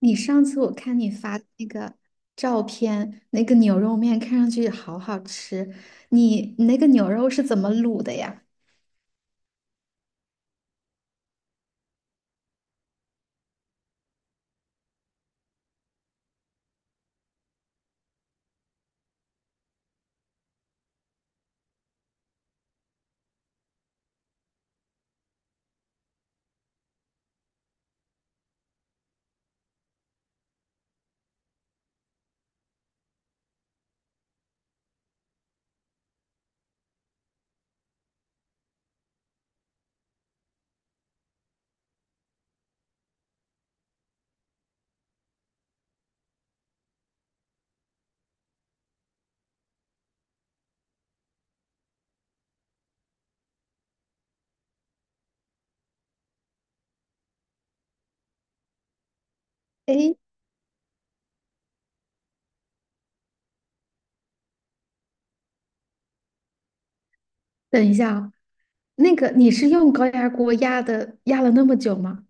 你上次我看你发的那个照片，那个牛肉面看上去好好吃。你那个牛肉是怎么卤的呀？哎，等一下啊，那个你是用高压锅压的，压了那么久吗？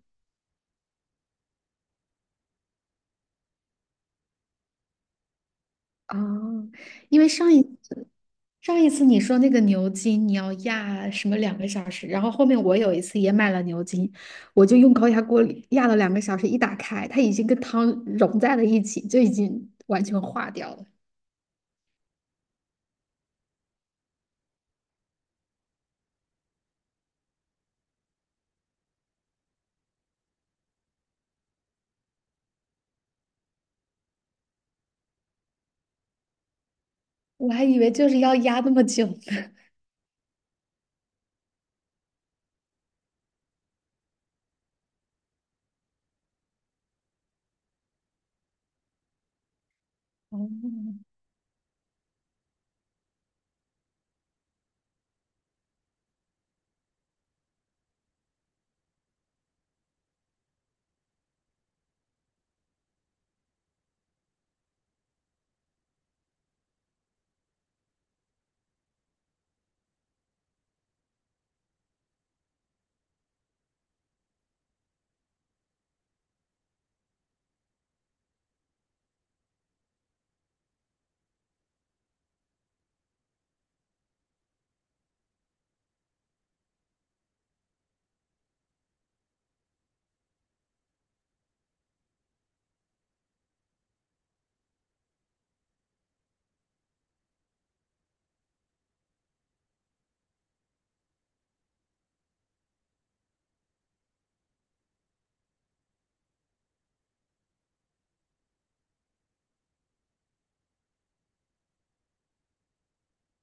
啊，因为上一次你说那个牛筋你要压什么两个小时，然后后面我有一次也买了牛筋，我就用高压锅里压了两个小时，一打开它已经跟汤融在了一起，就已经完全化掉了。我还以为就是要压那么久呢。哦，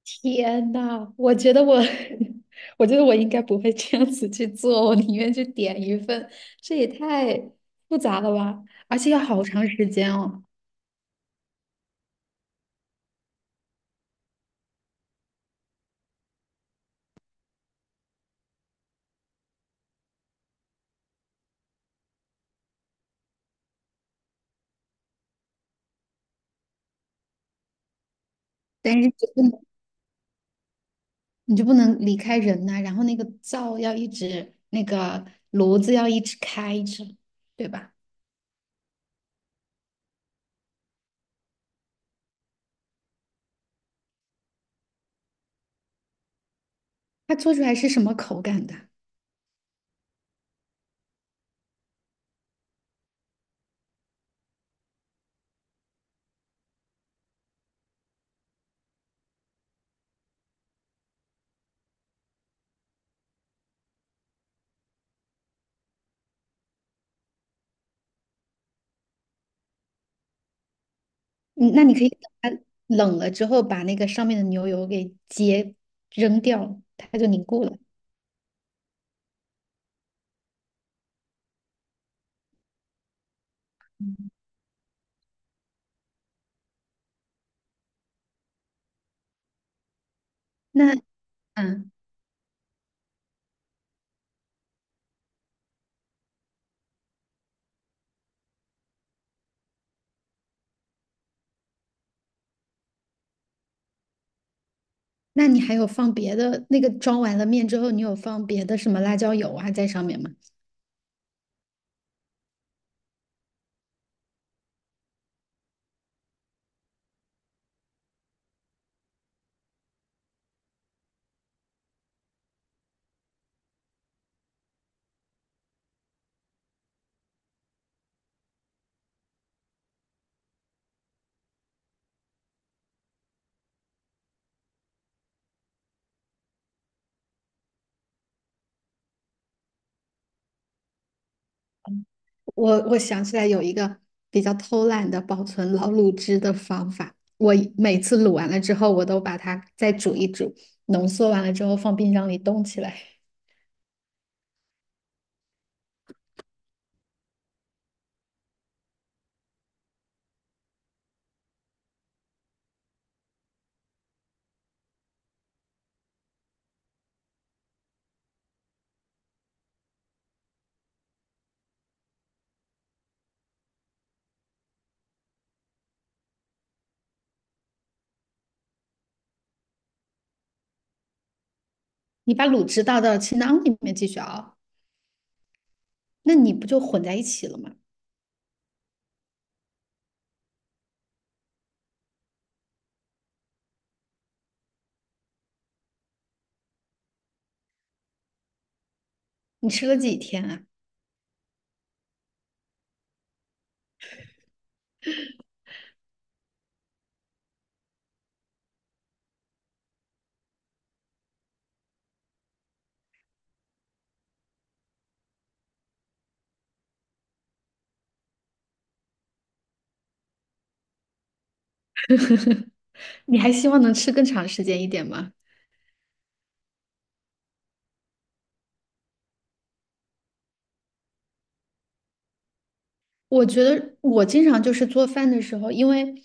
天呐，我觉得我，我觉得我应该不会这样子去做，我宁愿去点一份，这也太复杂了吧，而且要好长时间哦。但是就不能，你就不能离开人呐、然后那个灶要一直，那个炉子要一直开着，对吧？它做出来是什么口感的？嗯，那你可以等它冷了之后，把那个上面的牛油给揭扔掉，它就凝固了。那嗯，那你还有放别的那个装完了面之后，你有放别的什么辣椒油啊在上面吗？我想起来有一个比较偷懒的保存老卤汁的方法，我每次卤完了之后，我都把它再煮一煮，浓缩完了之后放冰箱里冻起来。你把卤汁倒到清汤里面继续熬，那你不就混在一起了吗？你吃了几天啊？你还希望能吃更长时间一点吗？我觉得我经常就是做饭的时候，因为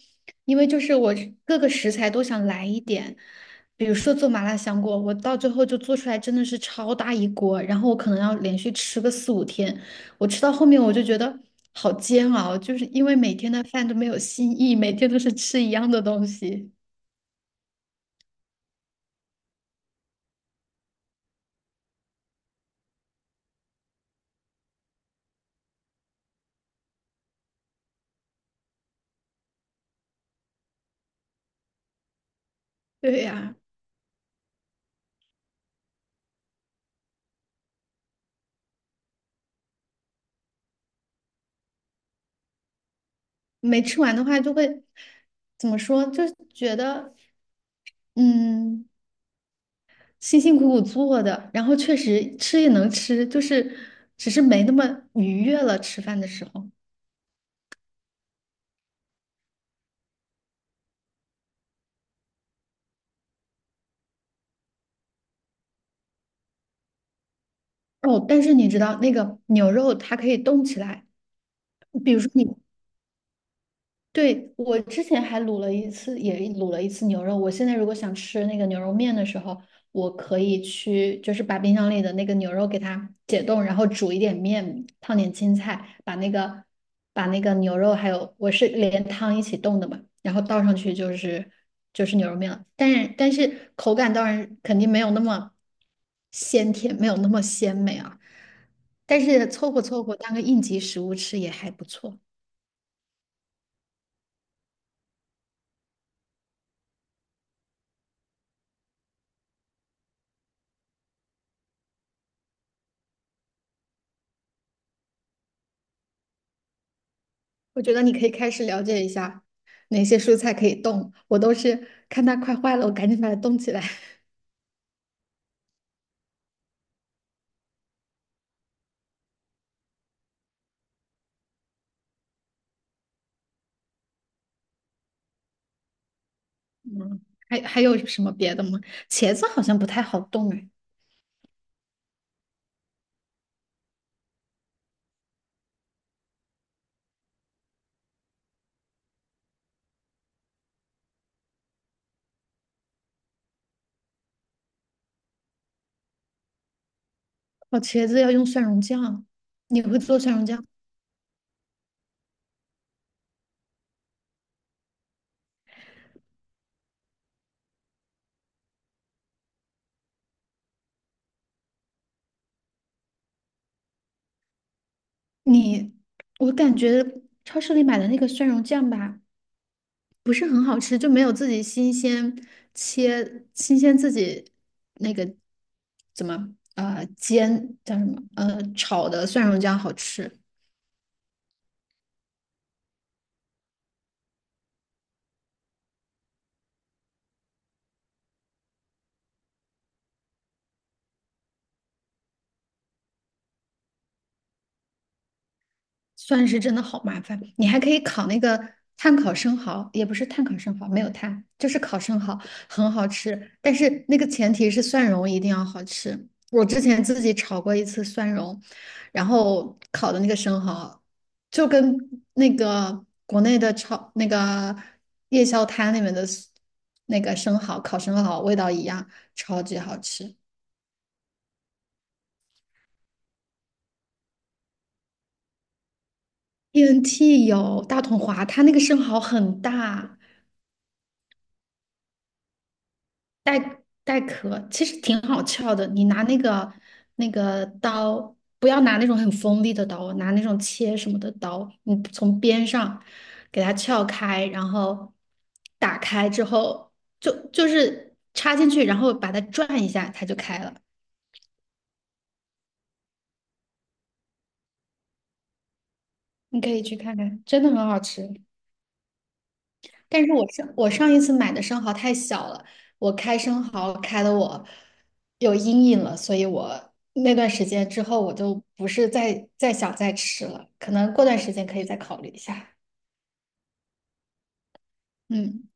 因为就是我各个食材都想来一点，比如说做麻辣香锅，我到最后就做出来真的是超大一锅，然后我可能要连续吃个4、5天，我吃到后面我就觉得好煎熬，就是因为每天的饭都没有新意，每天都是吃一样的东西。对呀，没吃完的话就会怎么说，就是觉得嗯。辛辛苦苦做的，然后确实吃也能吃，就是只是没那么愉悦了。吃饭的时候，哦，但是你知道那个牛肉它可以动起来，比如说你对，我之前还卤了一次，也卤了一次牛肉。我现在如果想吃那个牛肉面的时候，我可以去，就是把冰箱里的那个牛肉给它解冻，然后煮一点面，烫点青菜，把那个牛肉还有我是连汤一起冻的嘛，然后倒上去就是牛肉面了。但是口感当然肯定没有那么鲜甜，没有那么鲜美啊，但是凑合凑合当个应急食物吃也还不错。我觉得你可以开始了解一下哪些蔬菜可以冻，我都是看它快坏了，我赶紧把它冻起来。还有什么别的吗？茄子好像不太好冻哎，哦，茄子要用蒜蓉酱，你会做蒜蓉酱？你，我感觉超市里买的那个蒜蓉酱吧，不是很好吃，就没有自己新鲜切，新鲜自己那个怎么煎叫什么炒的蒜蓉酱好吃。算是真的好麻烦。你还可以烤那个炭烤生蚝，也不是炭烤生蚝，没有炭，就是烤生蚝，很好吃。但是那个前提是蒜蓉一定要好吃。我之前自己炒过一次蒜蓉，然后烤的那个生蚝，就跟那个国内的炒那个夜宵摊里面的那个生蚝烤生蚝味道一样，超级好吃。TNT 有大统华，它那个生蚝很大。带带壳其实挺好撬的，你拿那个那个刀，不要拿那种很锋利的刀，拿那种切什么的刀，你从边上给它撬开，然后打开之后，就是插进去，然后把它转一下，它就开了。你可以去看看，真的很好吃。但是我上一次买的生蚝太小了，我开生蚝开的我有阴影了，所以我那段时间之后我就不是再想再吃了，可能过段时间可以再考虑一下。嗯。